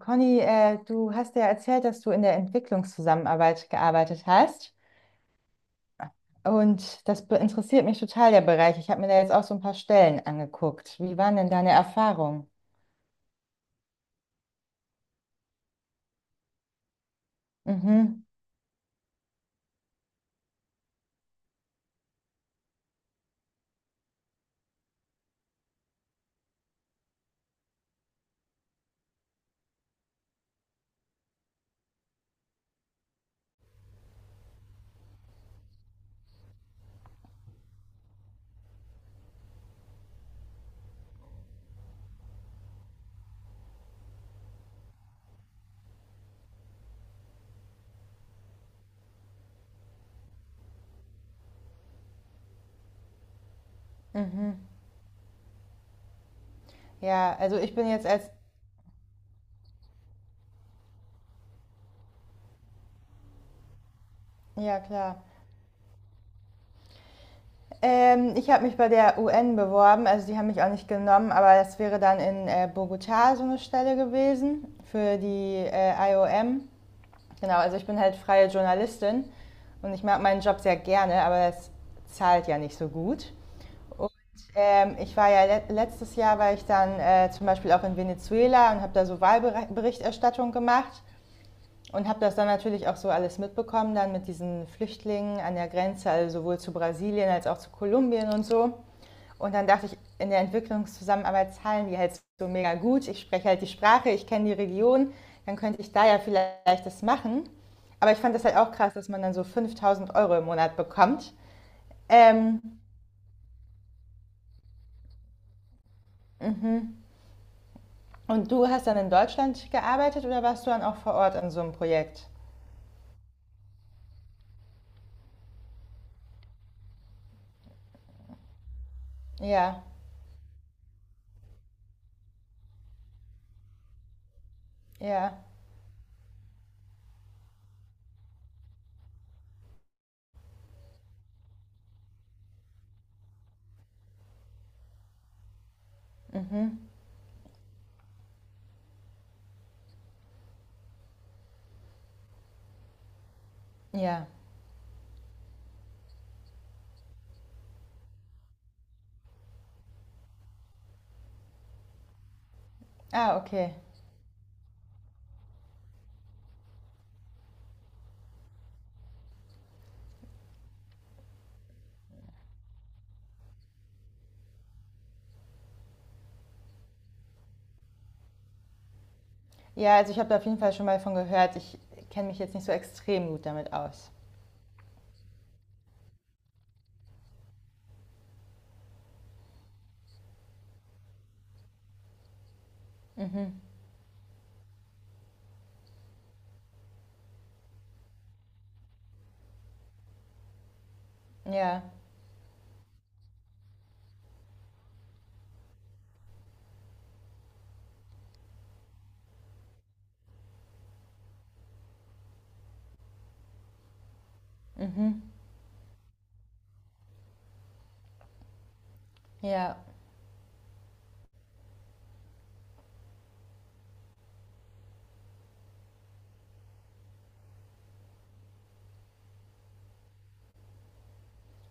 Conny, du hast ja erzählt, dass du in der Entwicklungszusammenarbeit gearbeitet hast. Und das interessiert mich total, der Bereich. Ich habe mir da jetzt auch so ein paar Stellen angeguckt. Wie waren denn deine Erfahrungen? Mhm, mhm. Ja, also ich bin jetzt als... Ja, klar. Ich habe mich bei der UN beworben, also die haben mich auch nicht genommen, aber das wäre dann in Bogotá so eine Stelle gewesen für die IOM. Genau, also ich bin halt freie Journalistin und ich mag meinen Job sehr gerne, aber es zahlt ja nicht so gut. Und ich war ja le letztes Jahr, war ich dann zum Beispiel auch in Venezuela und habe da so Wahlberichterstattung gemacht. Und habe das dann natürlich auch so alles mitbekommen, dann mit diesen Flüchtlingen an der Grenze, also sowohl zu Brasilien als auch zu Kolumbien und so. Und dann dachte ich, in der Entwicklungszusammenarbeit zahlen die halt so mega gut. Ich spreche halt die Sprache, ich kenne die Region, dann könnte ich da ja vielleicht das machen. Aber ich fand das halt auch krass, dass man dann so 5000€ im Monat bekommt. Ähm, und du hast dann in Deutschland gearbeitet oder warst du dann auch vor Ort an so einem Projekt? Ja, ja, mhm, ja. Ah, okay. Ja, also ich habe da auf jeden Fall schon mal von gehört. Ich kenne mich jetzt nicht so extrem gut damit aus. Mhm. Ja. Mhm. Ja.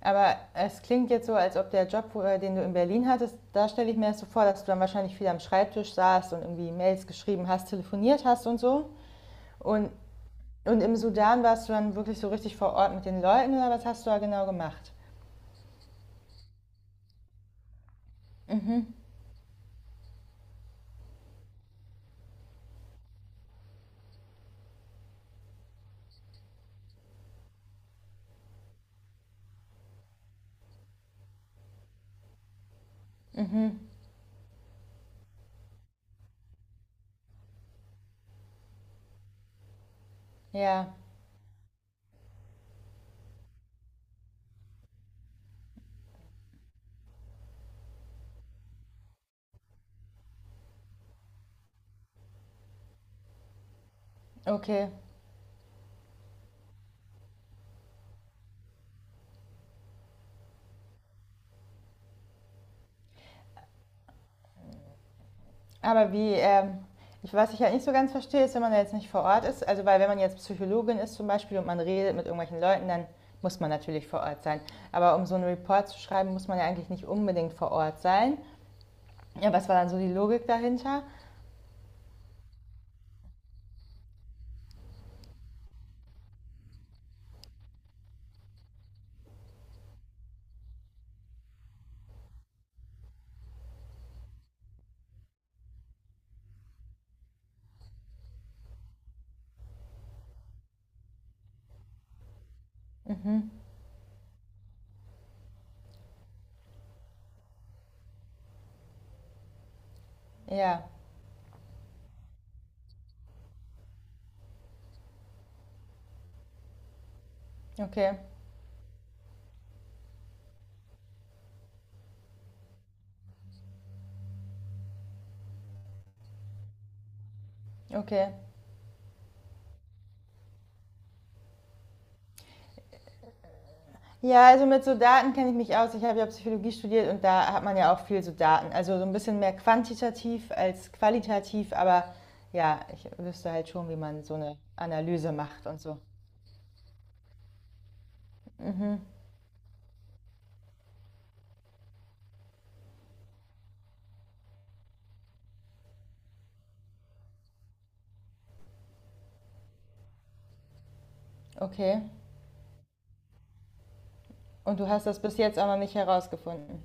Aber es klingt jetzt so, als ob der Job, den du in Berlin hattest, da stelle ich mir das so vor, dass du dann wahrscheinlich viel am Schreibtisch saßt und irgendwie Mails geschrieben hast, telefoniert hast und so. Und, und im Sudan warst du dann wirklich so richtig vor Ort mit den Leuten oder was hast du da genau gemacht? Ja, okay. Aber wie, ich, was ich halt nicht so ganz verstehe, ist, wenn man da jetzt nicht vor Ort ist, also weil wenn man jetzt Psychologin ist zum Beispiel und man redet mit irgendwelchen Leuten, dann muss man natürlich vor Ort sein. Aber um so einen Report zu schreiben, muss man ja eigentlich nicht unbedingt vor Ort sein. Ja, was war dann so die Logik dahinter? Mhm. Ja, okay, okay. Ja, also mit so Daten kenne ich mich aus. Ich habe ja Psychologie studiert und da hat man ja auch viel so Daten. Also so ein bisschen mehr quantitativ als qualitativ, aber ja, ich wüsste halt schon, wie man so eine Analyse macht und so. Okay. Und du hast das bis jetzt auch noch nicht herausgefunden.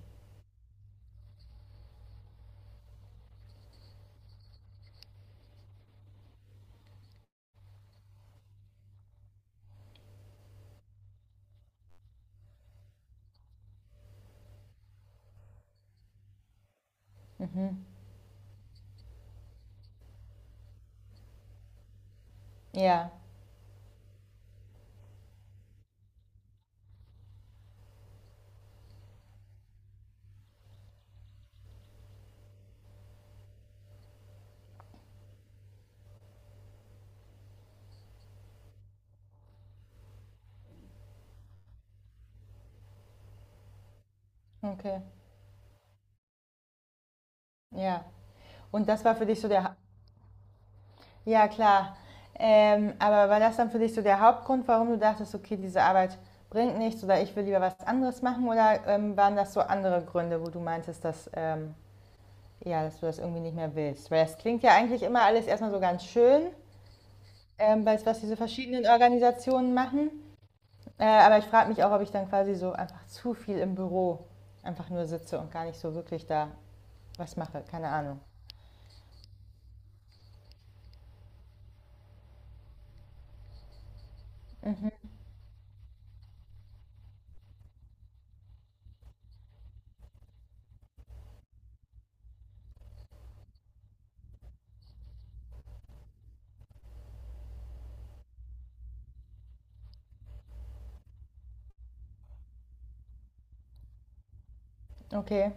Ja. Okay. Ja. Und das war für dich so der. Ha ja, klar. Aber war das dann für dich so der Hauptgrund, warum du dachtest, okay, diese Arbeit bringt nichts oder ich will lieber was anderes machen? Oder waren das so andere Gründe, wo du meintest, dass, ja, dass du das irgendwie nicht mehr willst? Weil das klingt ja eigentlich immer alles erstmal so ganz schön, weil was diese verschiedenen Organisationen machen. Aber ich frage mich auch, ob ich dann quasi so einfach zu viel im Büro einfach nur sitze und gar nicht so wirklich da was mache. Keine Ahnung. Okay.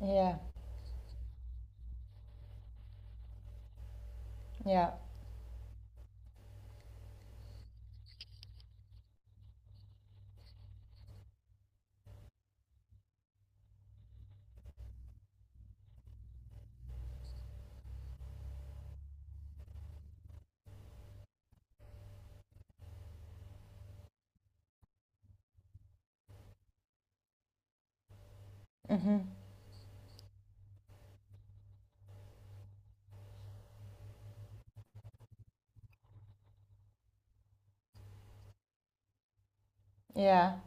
Ja, ja. Mhm. Ja,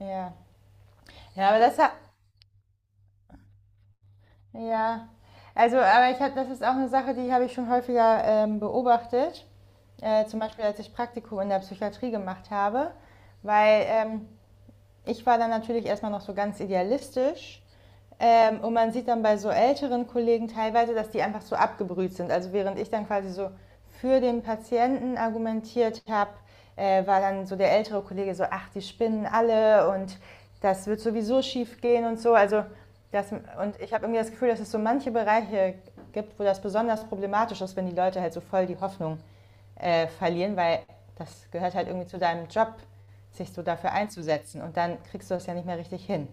ja. Ja, aber das hat. Ja. Also, aber ich hab, das ist auch eine Sache, die habe ich schon häufiger beobachtet. Zum Beispiel, als ich Praktikum in der Psychiatrie gemacht habe. Weil ich war dann natürlich erstmal noch so ganz idealistisch. Und man sieht dann bei so älteren Kollegen teilweise, dass die einfach so abgebrüht sind. Also während ich dann quasi so für den Patienten argumentiert habe, war dann so der ältere Kollege so, ach, die spinnen alle und das wird sowieso schief gehen und so. Also das, und ich habe irgendwie das Gefühl, dass es so manche Bereiche gibt, wo das besonders problematisch ist, wenn die Leute halt so voll die Hoffnung verlieren, weil das gehört halt irgendwie zu deinem Job, sich so dafür einzusetzen. Und dann kriegst du das ja nicht mehr richtig hin.